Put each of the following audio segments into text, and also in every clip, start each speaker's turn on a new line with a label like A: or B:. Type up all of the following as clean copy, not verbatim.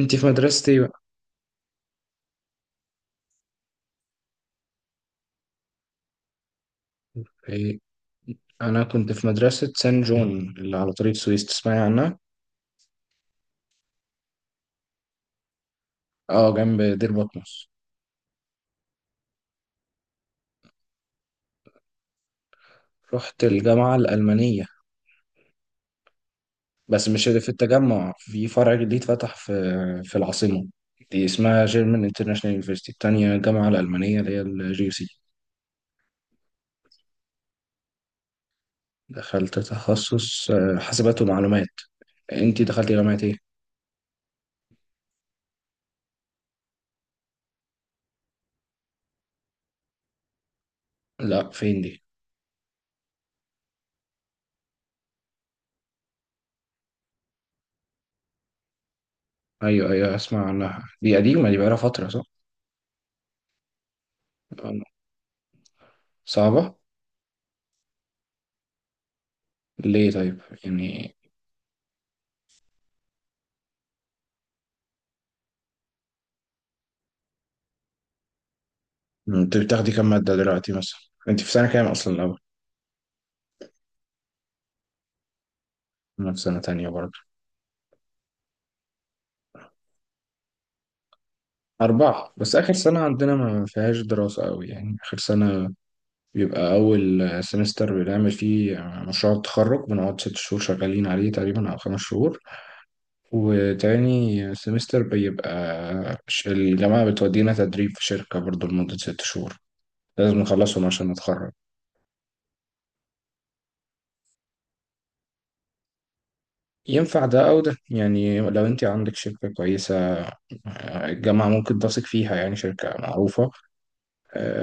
A: انت في مدرسة ايه بقى؟ إيه، انا كنت في مدرسة سان جون اللي على طريق سويس، تسمعي عنها؟ اه، جنب دير بطمس. رحت الجامعة الألمانية، بس مش اللي في التجمع، في فرع جديد فتح في العاصمة. دي اسمها جيرمان انترناشونال يونيفرسيتي، التانية الجامعة الألمانية اللي هي الجي يو سي. دخلت تخصص حاسبات ومعلومات. انت دخلتي جامعة ايه؟ لا، فين دي؟ ايوه ايوه، اسمع عنها، دي قديمة، دي بقالها فترة صح؟ آه، صعبة؟ ليه طيب؟ يعني مم. انت بتاخدي كام مادة دلوقتي مثلا؟ انت في سنة كام اصلا الاول؟ انا في سنة تانية برضه. أربعة، بس آخر سنة عندنا ما فيهاش دراسة أوي، يعني آخر سنة بيبقى أول سمستر بنعمل فيه مشروع التخرج، بنقعد ست شهور شغالين عليه تقريبا أو خمس شهور. وتاني سمستر بيبقى الجامعة بتودينا تدريب في شركة برضه لمدة ست شهور، لازم نخلصهم عشان نتخرج. ينفع ده أو ده، يعني لو أنت عندك شركة كويسة، الجامعة ممكن تثق فيها، يعني شركة معروفة،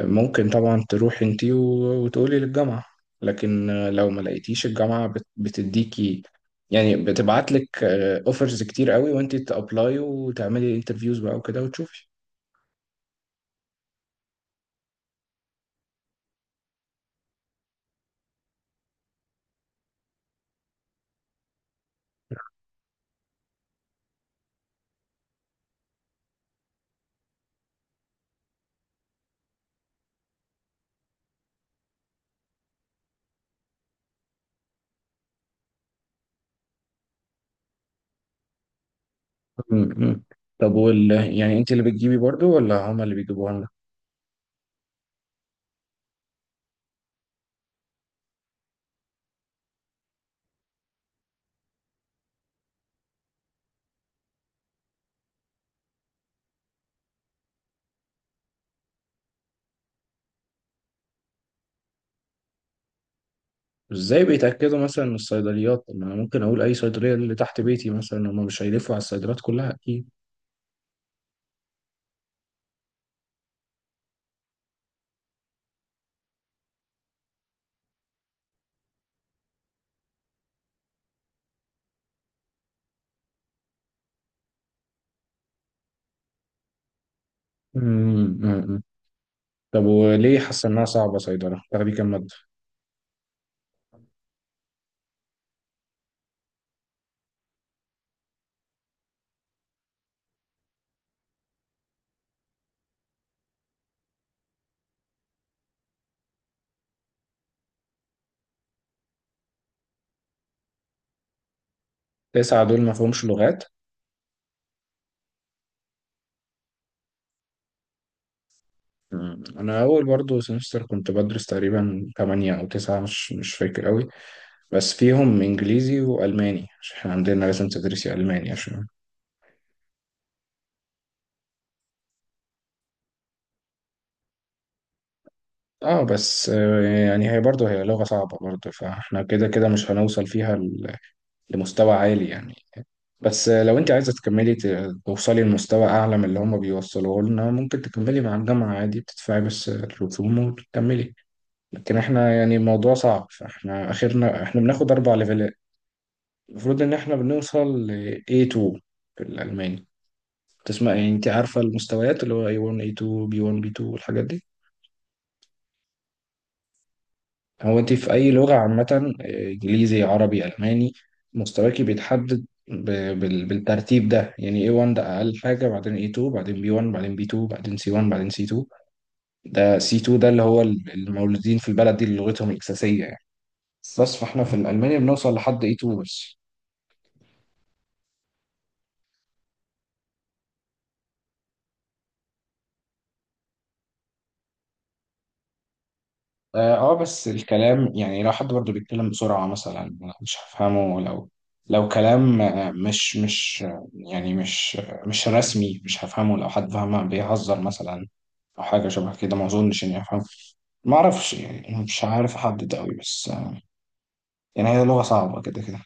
A: ممكن طبعا تروحي انتي وتقولي للجامعة. لكن لو ما لقيتيش، الجامعة بتديكي، يعني بتبعت لك اوفرز كتير قوي، وانتي تابلاي وتعملي انترفيوز بقى وكده وتشوفي. م- م. طب وال يعني انتي اللي بتجيبي برضو ولا هما اللي بيجيبوها لنا؟ ازاي بيتأكدوا مثلا من الصيدليات؟ طب ما انا ممكن اقول اي صيدلية اللي تحت بيتي مثلا، هما مش هيلفوا على الصيدليات كلها اكيد. م- م- م. طب وليه حاسة انها صعبة صيدلة؟ تاخدي كام مادة؟ تسعة دول ما فيهمش لغات؟ مم. أنا أول برضه سمستر كنت بدرس تقريبا تمانية أو تسعة، مش فاكر أوي. بس فيهم إنجليزي وألماني، عشان إحنا عندنا لازم تدرسي ألماني عشان. اه، بس يعني هي برضه هي لغة صعبة برضه، فاحنا كده كده مش هنوصل فيها لمستوى عالي يعني. بس لو انت عايزة تكملي توصلي لمستوى أعلى من اللي هما بيوصلوه لنا، ممكن تكملي مع الجامعة عادي، بتدفعي بس الرسوم وتكملي. لكن احنا يعني الموضوع صعب، فاحنا آخرنا احنا بناخد أربع ليفلات، المفروض ان احنا بنوصل ل A2 في الالماني. تسمع يعني، انت عارفه المستويات اللي هو A1 A2 B1 B2 والحاجات دي؟ هو انت في اي لغه عامه، انجليزي عربي الماني، مستواكي بيتحدد بالترتيب ده، يعني A1 ده اقل حاجه، بعدين A2، بعدين B1، بعدين B2، بعدين C1، بعدين C2. ده C2 ده اللي هو المولودين في البلد دي اللي لغتهم الاساسيه يعني. بس فاحنا في الالماني بنوصل لحد A2 بس. اه، بس الكلام يعني لو حد برضه بيتكلم بسرعة مثلا، مش هفهمه. لو كلام مش يعني مش مش رسمي، مش هفهمه. لو حد فاهمه بيهزر مثلا، او حاجة شبه كده، ما اظنش اني افهم. ما اعرفش يعني، مش عارف احدد قوي، بس يعني هي لغة صعبة كده كده.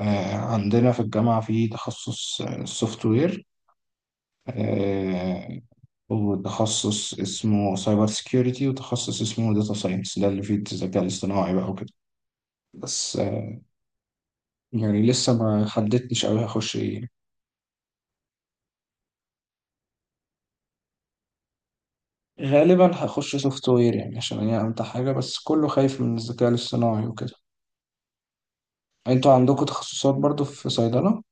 A: عندنا في الجامعة في تخصص سوفت وير، وتخصص اسمه سايبر سيكيورتي، وتخصص اسمه داتا ساينس، ده اللي فيه الذكاء الاصطناعي بقى وكده. بس يعني لسه ما حددتش أوي هخش إيه. غالبا هخش سوفت وير، يعني عشان هي أمتع حاجة، بس كله خايف من الذكاء الاصطناعي وكده. أنتوا عندكم تخصصات برضو في صيدلة؟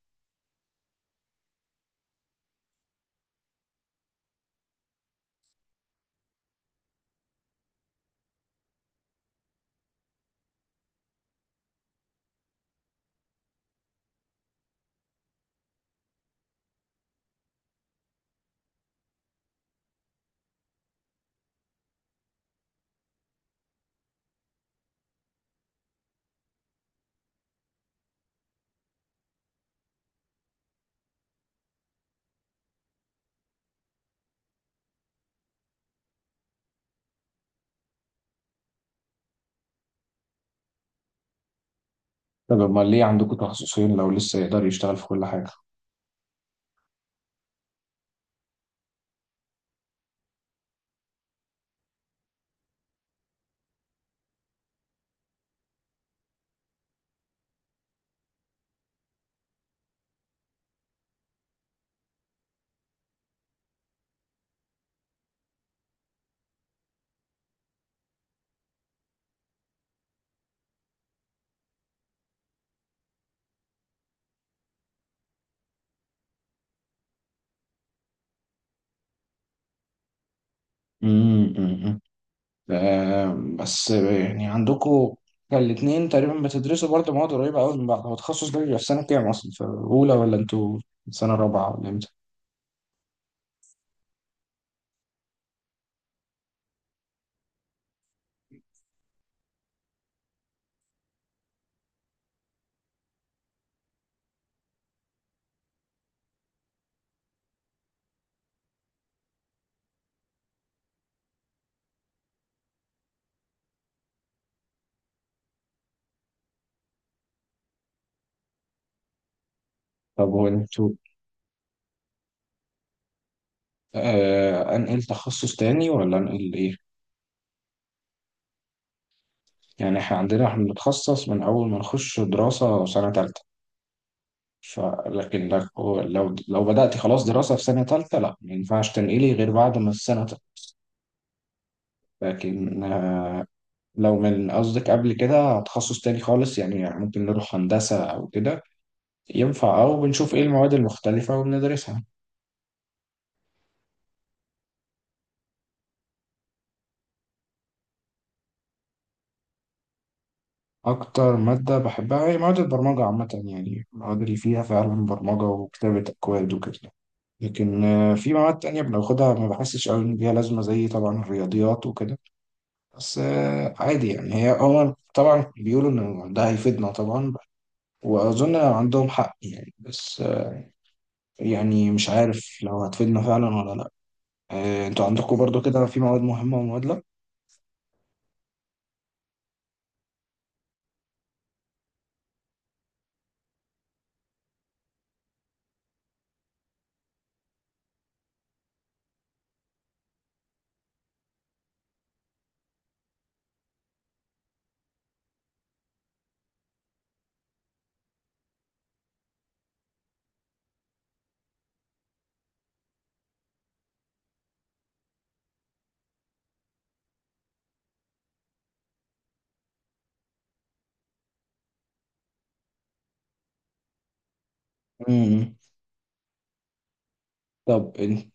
A: طب أمال ليه عندكم تخصصين لو لسه يقدر يشتغل في كل حاجة؟ أمم. آه، بس يعني عندكم كان الاتنين تقريبا بتدرسوا برضه مواد قريبة أوي من بعض. هو التخصص ده بيبقى في سنة كام أصلا، في أولى ولا أنتوا في سنة رابعة ولا إمتى؟ طب هو أنتوا، آه، أنقل تخصص تاني ولا أنقل إيه؟ يعني احنا عندنا احنا بنتخصص من اول ما نخش دراسة سنة تالتة. فلكن هو لو بدأت خلاص دراسة في سنة تالتة، لا ما ينفعش تنقلي غير بعد ما السنة تالتة. لكن لو من قصدك قبل كده تخصص تاني خالص، يعني ممكن نروح هندسة أو كده، ينفع، أو بنشوف إيه المواد المختلفة وبندرسها. أكتر مادة بحبها هي مواد البرمجة عامة، يعني المواد اللي فيها فعلا برمجة وكتابة أكواد وكده. لكن في مواد تانية بناخدها، ما بحسش قوي إن ليها لازمة، زي طبعا الرياضيات وكده. بس عادي يعني، هي هو طبعا بيقولوا إن ده هيفيدنا طبعا، وأظن عندهم حق يعني، بس يعني مش عارف لو هتفيدنا فعلا ولا لأ. أنتوا عندكم برضو كده في مواد مهمة ومواد لأ؟ مم. طب أنت،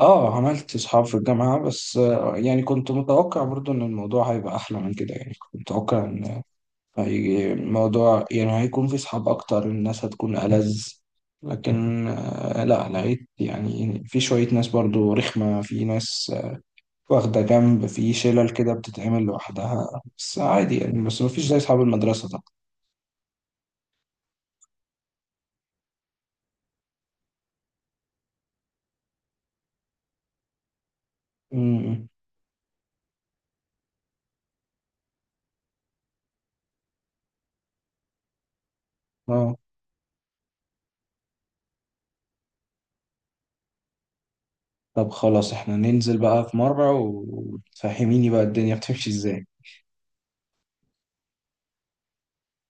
A: آه، عملت أصحاب في الجامعة، بس يعني كنت متوقع برضو إن الموضوع هيبقى أحلى من كده. يعني كنت متوقع إن الموضوع يعني هيكون في صحاب أكتر، الناس هتكون ألذ. لكن لا، لقيت يعني في شوية ناس برضو رخمة، في ناس واخدة جنب في شلل كده، بتتعمل لوحدها، بس عادي يعني، بس مفيش زي أصحاب المدرسة طبعا. أمم. اه، طب خلاص احنا ننزل بقى في مرة وتفهميني بقى الدنيا بتمشي ازاي.